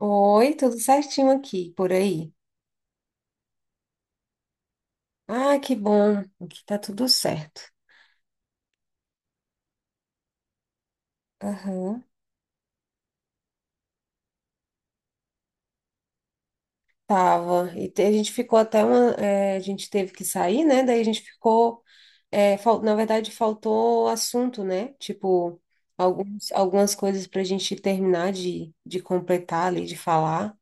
Oi, tudo certinho aqui, por aí. Ah, que bom, aqui tá tudo certo. Aham, tava. A gente ficou até uma. A gente teve que sair, né? Daí a gente ficou. Na verdade, faltou assunto, né? Tipo, algumas coisas pra gente terminar de completar ali, de falar.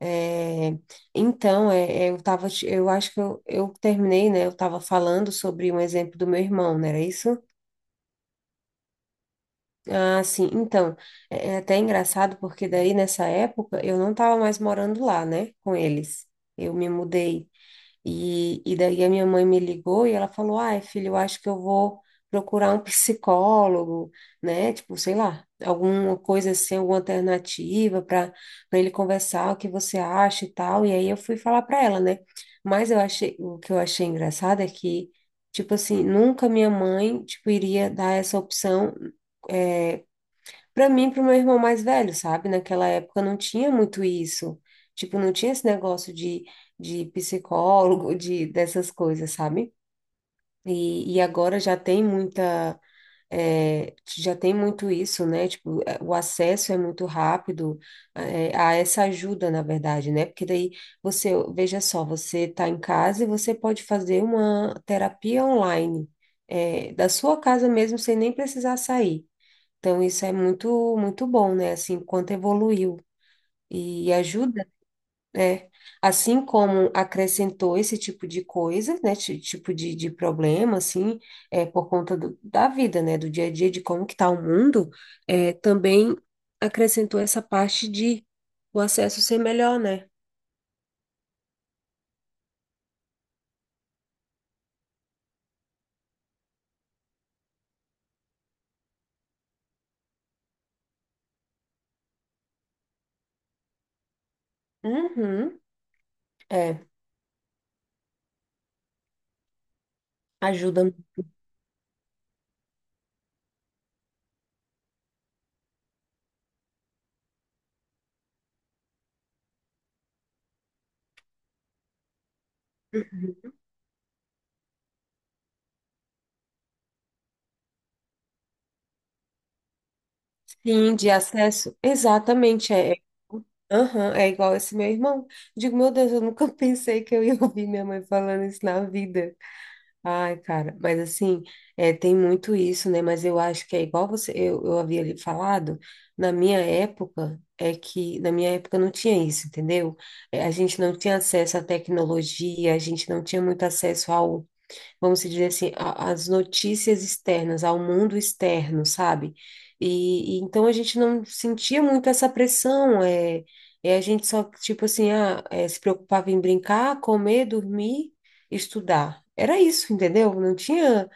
Eh, então, eu tava. Eu acho que eu terminei, né? Eu tava falando sobre um exemplo do meu irmão, não era isso? Ah, sim. Então, é até engraçado porque daí nessa época eu não estava mais morando lá, né, com eles. Eu me mudei e daí a minha mãe me ligou e ela falou: "Ai, filho, eu acho que eu vou procurar um psicólogo, né? Tipo, sei lá, alguma coisa assim, alguma alternativa para ele conversar, o que você acha e tal". E aí eu fui falar para ela, né? Mas eu achei, o que eu achei engraçado é que tipo assim, nunca minha mãe, tipo, iria dar essa opção é, pra mim, e pro meu irmão mais velho, sabe? Naquela época não tinha muito isso. Tipo, não tinha esse negócio de psicólogo, de dessas coisas, sabe? E agora já tem muita, é, já tem muito isso, né? Tipo, é, o acesso é muito rápido, é, a essa ajuda, na verdade, né? Porque daí você, veja só, você tá em casa e você pode fazer uma terapia online, é, da sua casa mesmo, sem nem precisar sair. Então, isso é muito bom, né? Assim, quanto evoluiu e ajuda, né? Assim como acrescentou esse tipo de coisa, né? Tipo de problema, assim, é, da vida, né? Do dia a dia, de como que tá o mundo, é, também acrescentou essa parte de o acesso ser melhor, né? Uhum, é, ajuda. Uhum. Sim, de acesso. Exatamente, é, aham, é igual esse meu irmão. Digo, meu Deus, eu nunca pensei que eu ia ouvir minha mãe falando isso na vida. Ai, cara, mas assim, é, tem muito isso, né? Mas eu acho que é igual você, eu havia lhe falado, na minha época, é que na minha época não tinha isso, entendeu? É, a gente não tinha acesso à tecnologia, a gente não tinha muito acesso ao vamos se dizer assim, as notícias externas, ao mundo externo, sabe? E então a gente não sentia muito essa pressão, é, é a gente só, tipo assim, ah, é, se preocupava em brincar, comer, dormir, estudar. Era isso, entendeu? Não tinha,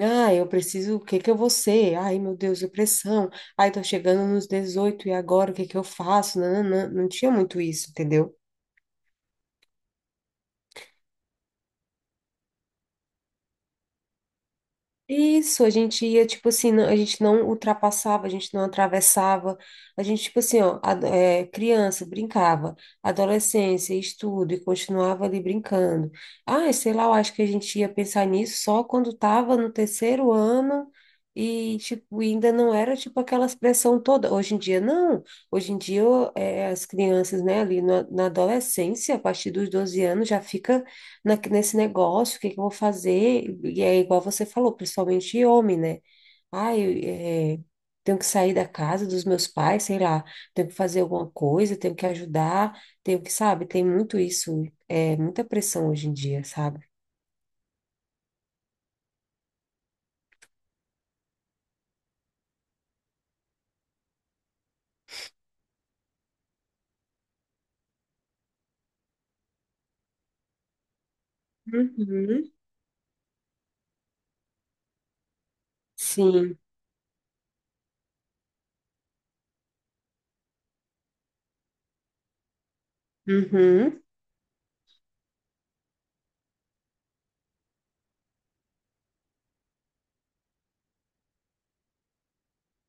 ah, eu preciso, o que que eu vou ser? Ai, meu Deus, depressão. Ai, tô chegando nos 18 e agora o que que eu faço? Não, não, não, não tinha muito isso, entendeu? Isso, a gente ia, tipo assim, a gente não ultrapassava, a gente não atravessava, a gente, tipo assim, ó, é, criança, brincava, adolescência, estudo, e continuava ali brincando. Ah, sei lá, eu acho que a gente ia pensar nisso só quando tava no terceiro ano e, tipo, ainda não era, tipo, aquela expressão toda. Hoje em dia, não. Hoje em dia, é, as crianças, né, ali na adolescência, a partir dos 12 anos, já fica nesse negócio, o que que eu vou fazer? E é igual você falou, principalmente homem, né? Ah, eu, é, tenho que sair da casa dos meus pais, sei lá, tenho que fazer alguma coisa, tenho que ajudar, tenho que, sabe, tem muito isso, é muita pressão hoje em dia, sabe? Uhum. Sim. Uhum.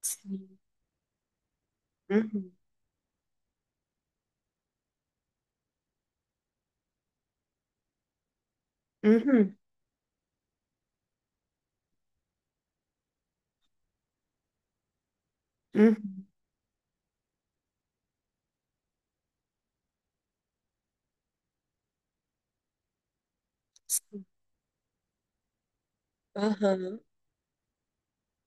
Sim. Uhum. Uhum. Uhum. Sim. Aham.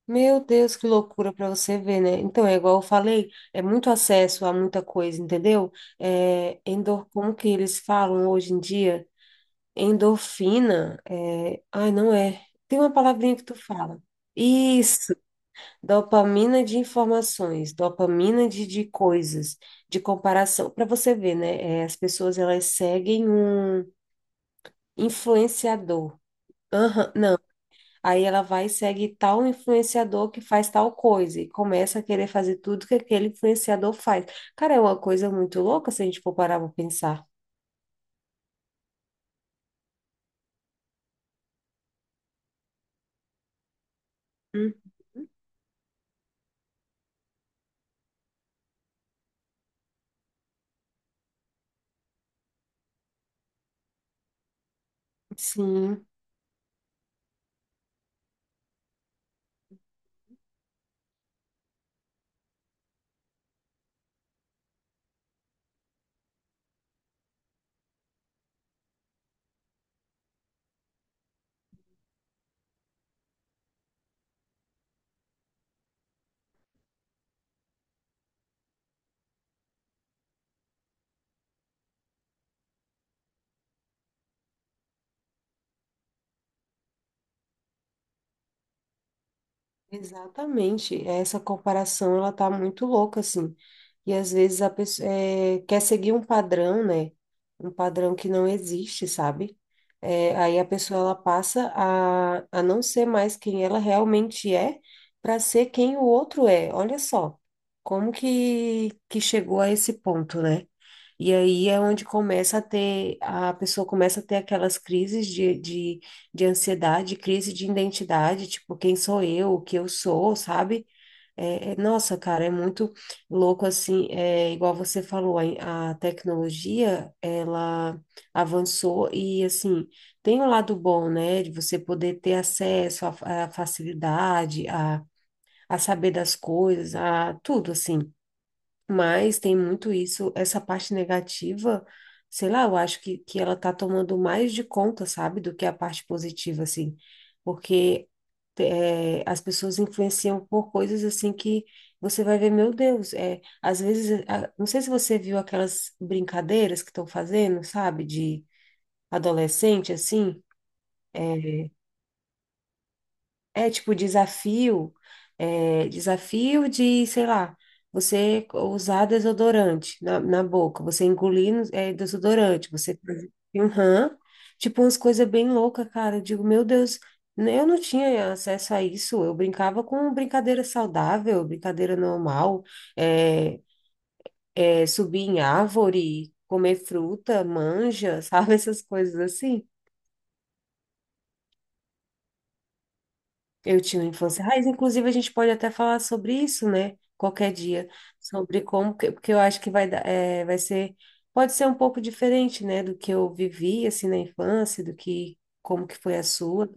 Meu Deus, que loucura para você ver, né? Então, é igual eu falei, é muito acesso a muita coisa, entendeu? É, endor, como que eles falam hoje em dia? Endorfina, é, ai, não é. Tem uma palavrinha que tu fala. Isso, dopamina de informações, dopamina de coisas, de comparação. Para você ver, né? É, as pessoas elas seguem um influenciador. Aham, aí ela vai e segue tal influenciador que faz tal coisa e começa a querer fazer tudo que aquele influenciador faz. Cara, é uma coisa muito louca se a gente for parar para pensar. Hum, Sim, exatamente, essa comparação ela tá muito louca assim. E às vezes a pessoa é, quer seguir um padrão, né? Um padrão que não existe, sabe? É, aí a pessoa ela passa a não ser mais quem ela realmente é para ser quem o outro é. Olha só como que chegou a esse ponto, né? E aí é onde começa a ter, a pessoa começa a ter aquelas crises de ansiedade, crise de identidade, tipo, quem sou eu, o que eu sou, sabe? É, nossa, cara, é muito louco assim, é igual você falou, a tecnologia, ela avançou e assim, tem um lado bom, né, de você poder ter acesso à facilidade, a saber das coisas, a tudo assim. Mas tem muito isso, essa parte negativa, sei lá, eu acho que ela tá tomando mais de conta, sabe, do que a parte positiva, assim. Porque é, as pessoas influenciam por coisas assim que você vai ver, meu Deus, é, às vezes, não sei se você viu aquelas brincadeiras que estão fazendo, sabe, de adolescente, assim. É, é tipo desafio, é, desafio de, sei lá, você usar desodorante na boca, você engolir é, desodorante, você uhum. Tipo umas coisas bem loucas, cara. Eu digo, meu Deus, né, eu não tinha acesso a isso. Eu brincava com brincadeira saudável, brincadeira normal, é, é, subir em árvore, comer fruta, manja, sabe, essas coisas assim. Eu tinha uma infância raiz, inclusive a gente pode até falar sobre isso, né? Qualquer dia, sobre como, porque eu acho que vai dar, é, vai ser, pode ser um pouco diferente, né? Do que eu vivi, assim, na infância, do que, como que foi a sua.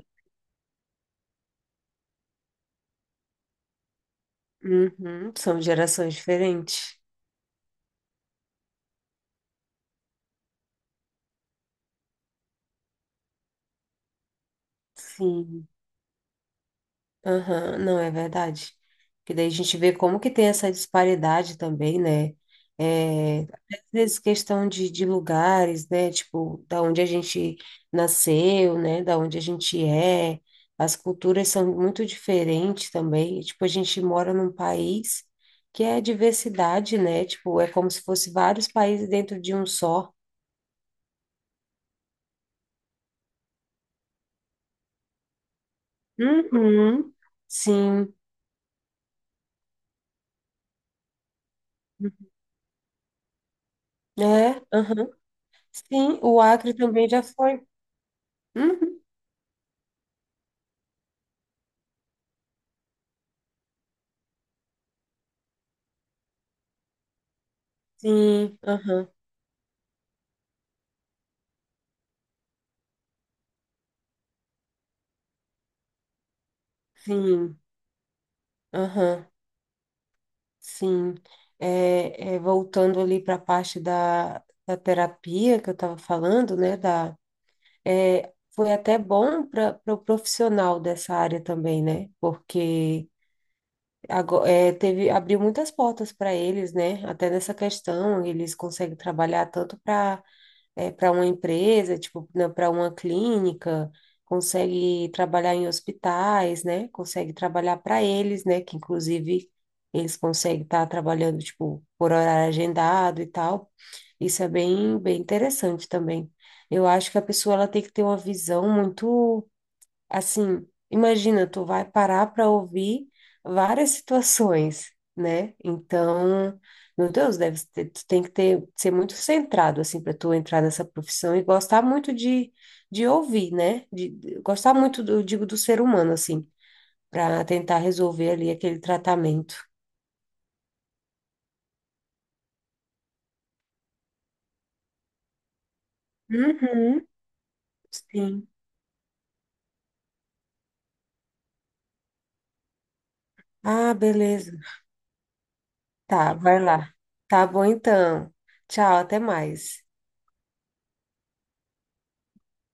Uhum, são gerações diferentes. Sim. Aham, não, é verdade. Porque daí a gente vê como que tem essa disparidade também, né? É, às vezes questão de lugares, né? Tipo, da onde a gente nasceu, né? Da onde a gente é. As culturas são muito diferentes também. E, tipo, a gente mora num país que é diversidade, né? Tipo, é como se fosse vários países dentro de um só. Uhum, sim. É, aham. Sim, o Acre também já foi. Uhum. Sim, aham, sim, aham, sim. Voltando ali para a parte da terapia que eu estava falando, né? Da, é, foi até bom para o profissional dessa área também, né? Porque é, teve, abriu muitas portas para eles, né? Até nessa questão, eles conseguem trabalhar tanto para uma empresa, tipo, para uma clínica, consegue trabalhar em hospitais, né? Consegue trabalhar para eles, né? Que inclusive eles conseguem estar trabalhando, tipo, por horário agendado e tal. Isso é bem interessante também. Eu acho que a pessoa ela tem que ter uma visão muito assim, imagina, tu vai parar para ouvir várias situações, né? Então, meu Deus, deve ter, tu tem que ter, ser muito centrado, assim, para tu entrar nessa profissão e gostar muito de ouvir, né? Gostar muito, do, digo, do ser humano, assim, para tentar resolver ali aquele tratamento. Uhum, sim. Ah, beleza. Tá, vai lá. Tá bom então. Tchau, até mais.